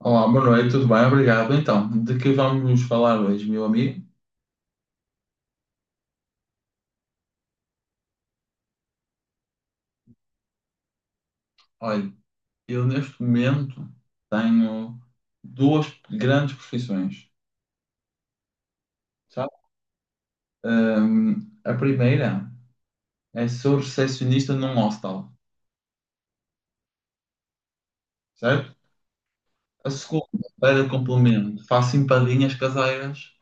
Olá, boa noite, tudo bem? Obrigado. Então, de que vamos falar hoje, meu amigo? Olha, eu neste momento tenho duas grandes profissões, sabe? A primeira é sou recepcionista num hostel, certo? A segunda, para complemento, faço empadinhas caseiras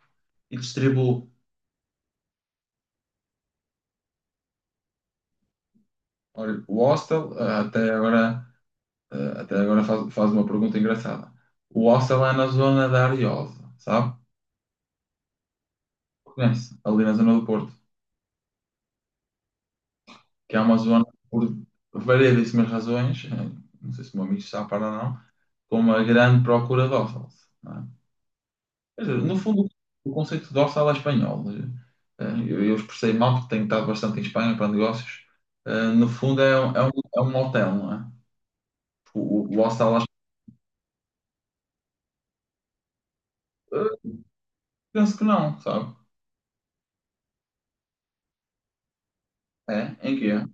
e distribuo. Olha, o hostel, até agora, até agora faz uma pergunta engraçada. O hostel é na zona da Ariosa, sabe? Conhece? Ali na zona do Porto. Que é uma zona, por variedíssimas razões, não sei se o meu amigo está a par ou não, com uma grande procura dorsal. Não é? Quer dizer, no fundo, o conceito de dorsal é espanhol. Eu expressei mal, porque tenho estado bastante em Espanha para negócios. No fundo, é um hotel, não é? O, o hostel, eh, penso que não, sabe? É? Em que é?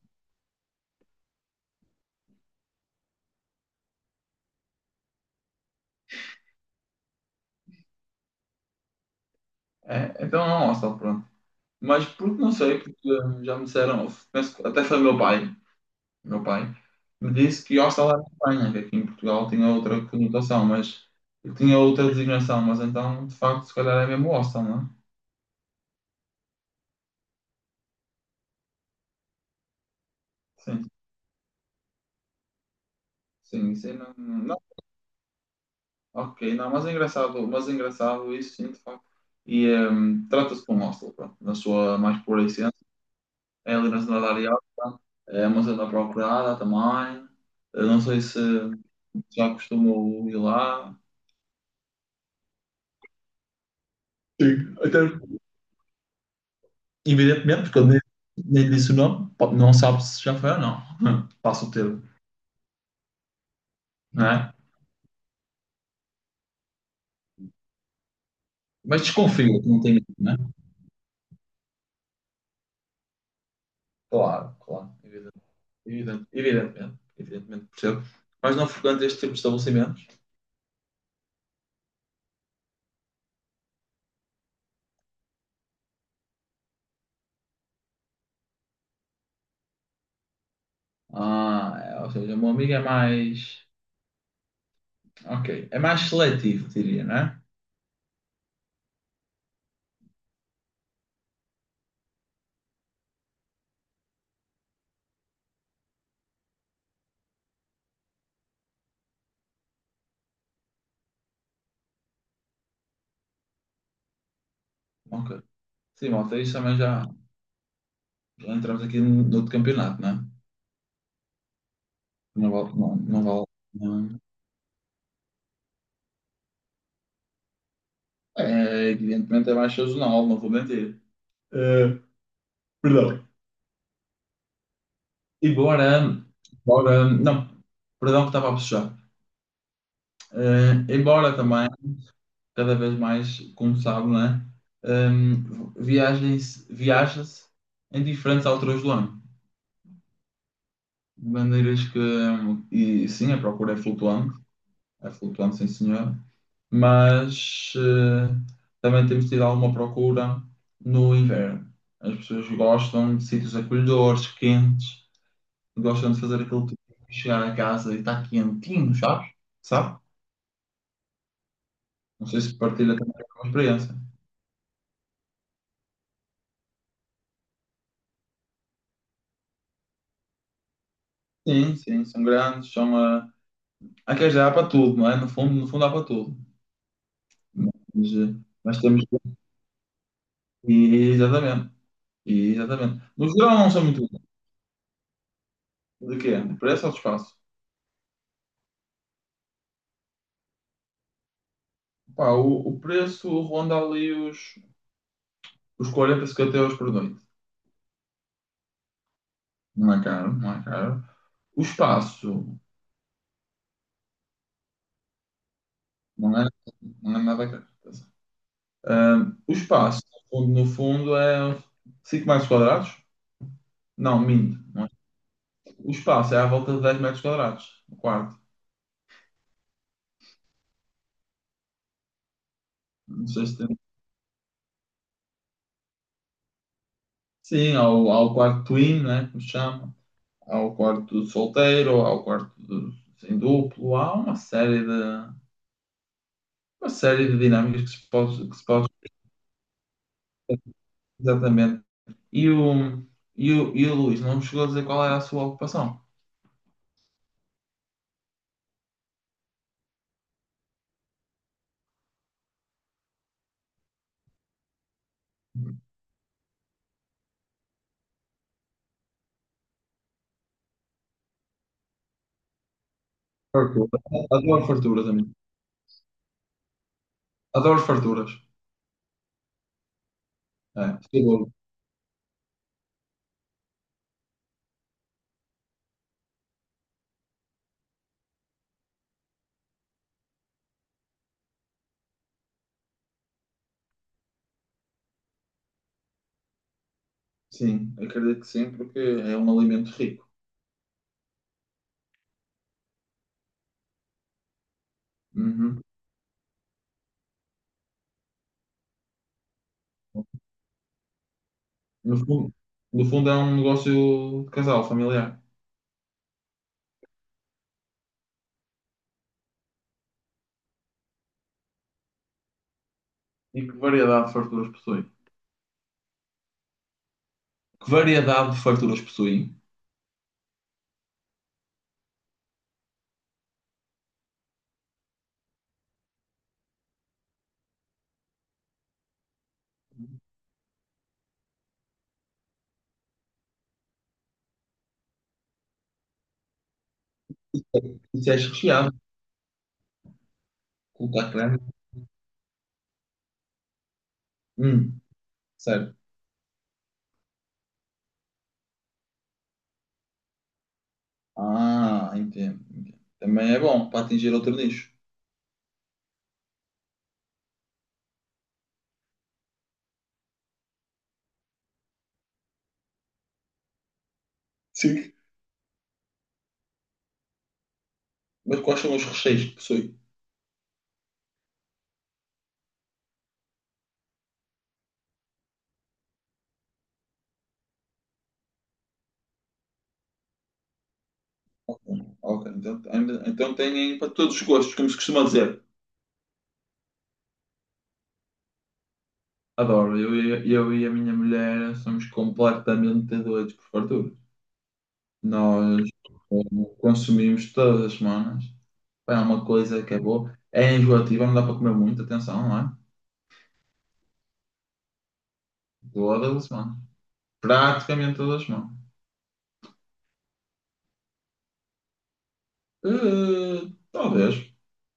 É, então é um hostel, pronto. Mas porque não sei, porque já me disseram, penso que até foi meu pai me disse que hostel era em Espanha, que aqui em Portugal tinha outra conotação, mas tinha outra designação, mas então, de facto, se calhar é mesmo hostel, não é? Sim, sim, isso aí ok, não, mas é engraçado isso, sim, de facto. E trata-se de um hostel, pronto, na sua mais pura essência, é ali na zona da Ariosta, é uma zona procurada também, eu não sei se já costumou ir lá. Sim, até evidentemente, porque eu nem disse o nome, não sabe se já foi ou não. Passa o termo, não é? Mas desconfio, não tem medo, é? Claro, claro, evidente, evidente, evidentemente, evidentemente, percebo. Mas não frequento este tipo de estabelecimentos. Ah, é, ou seja, o meu amigo é mais. Ok, é mais seletivo, diria, né? Ok. Sim, malta, isso também já, já entramos aqui no outro campeonato, né? Não vale, não vale. Não. É, evidentemente é mais sazonal, não vou mentir. Eh, Perdão. Embora, embora, não, perdão que estava a puxar. Embora também, cada vez mais, como sabe, né, viagens, viaja-se em diferentes alturas do ano. De maneiras que, e sim, a procura é flutuante, sim senhor, mas também temos tido alguma procura no inverno. As pessoas gostam de sítios acolhedores, quentes, gostam de fazer aquele tipo de chegar a casa e está quentinho, sabes? Sabe? Não sei se partilha também a experiência. Sim, sim, são grandes, são. Há quem já há para tudo, não é? No fundo, no fundo há para tudo. Mas, nós temos. E, exatamente. E, exatamente. No geral, não são muito grandes. De quê? De preço ou de espaço? Pá, o preço ronda ali os 40, 50 € por noite. Não é caro, não é caro. O espaço não é, não é nada caro. Ah, o espaço, no fundo, no fundo é 5 metros quadrados? Não, minto. O espaço é à volta de 10 metros quadrados, o quarto. Não sei se tem... Sim, há o quarto twin, né, como se chama. Há o quarto solteiro, há o quarto do- em duplo. Há uma série de dinâmicas que se pode... Exatamente. E o, e o Luís não me chegou a dizer qual era a sua ocupação. Fartura. Adoro farturas, amigo. Adoro farturas. É, seguro. Sim, acredito que sim, porque é um alimento rico. Uhum. No fundo, no fundo é um negócio de casal, familiar. E que variedade de farturas possui? Que variedade de farturas possuem? Isso é recheado, colocar creme. Hum, certo. Ah, entendo, entendo. Também é bom para atingir outro nicho. Sim. Mas quais são os recheios que possui? Ok, ok. Então, ainda- então têm para todos os gostos, como se costuma dizer. Adoro, eu, eu e a minha mulher somos completamente doidos por fartura. Nós Consumimos todas as semanas. Pá, é uma coisa que é boa. É enjoativa, não dá para comer muito, atenção, não é? Todas as semanas. Praticamente todas as semanas. Eh, talvez,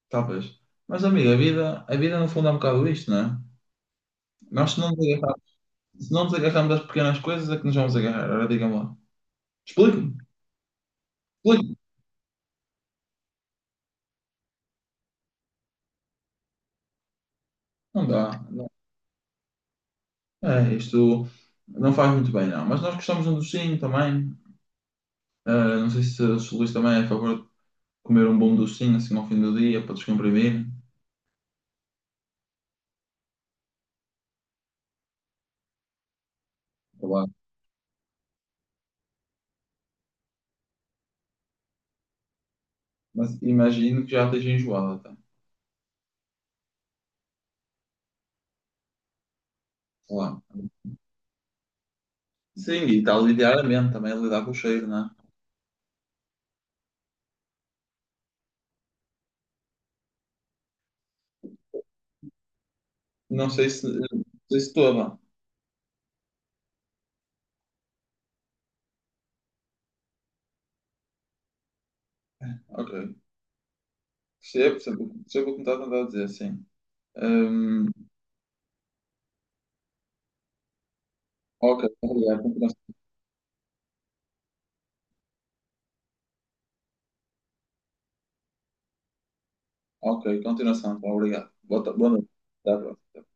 Talvez. Mas, amigo, a vida no fundo é um bocado isto, não é? Nós se não nos agarrar- Se não nos agarrarmos das pequenas coisas, é que nos vamos agarrar. Agora digam lá. Explica-me, explica-me. Não dá. É, isto não faz muito bem, não. Mas nós gostamos de um docinho também. Ah, não sei se, se o Luís também é a favor de comer um bom docinho assim ao fim do dia para descomprimir. Sei lá. Mas imagino que já esteja enjoado até. Sei lá. Sim, e está a lidar a mente também, a lidar com o cheiro, não é? Não sei se, não sei se toma. Ok. Percebo, percebo, percebo o que me está a tentar dizer, sim. Hum, ok, obrigado. Continuação. Ok, continuação. Tá, obrigado. Boa, boa noite. Até à próxima.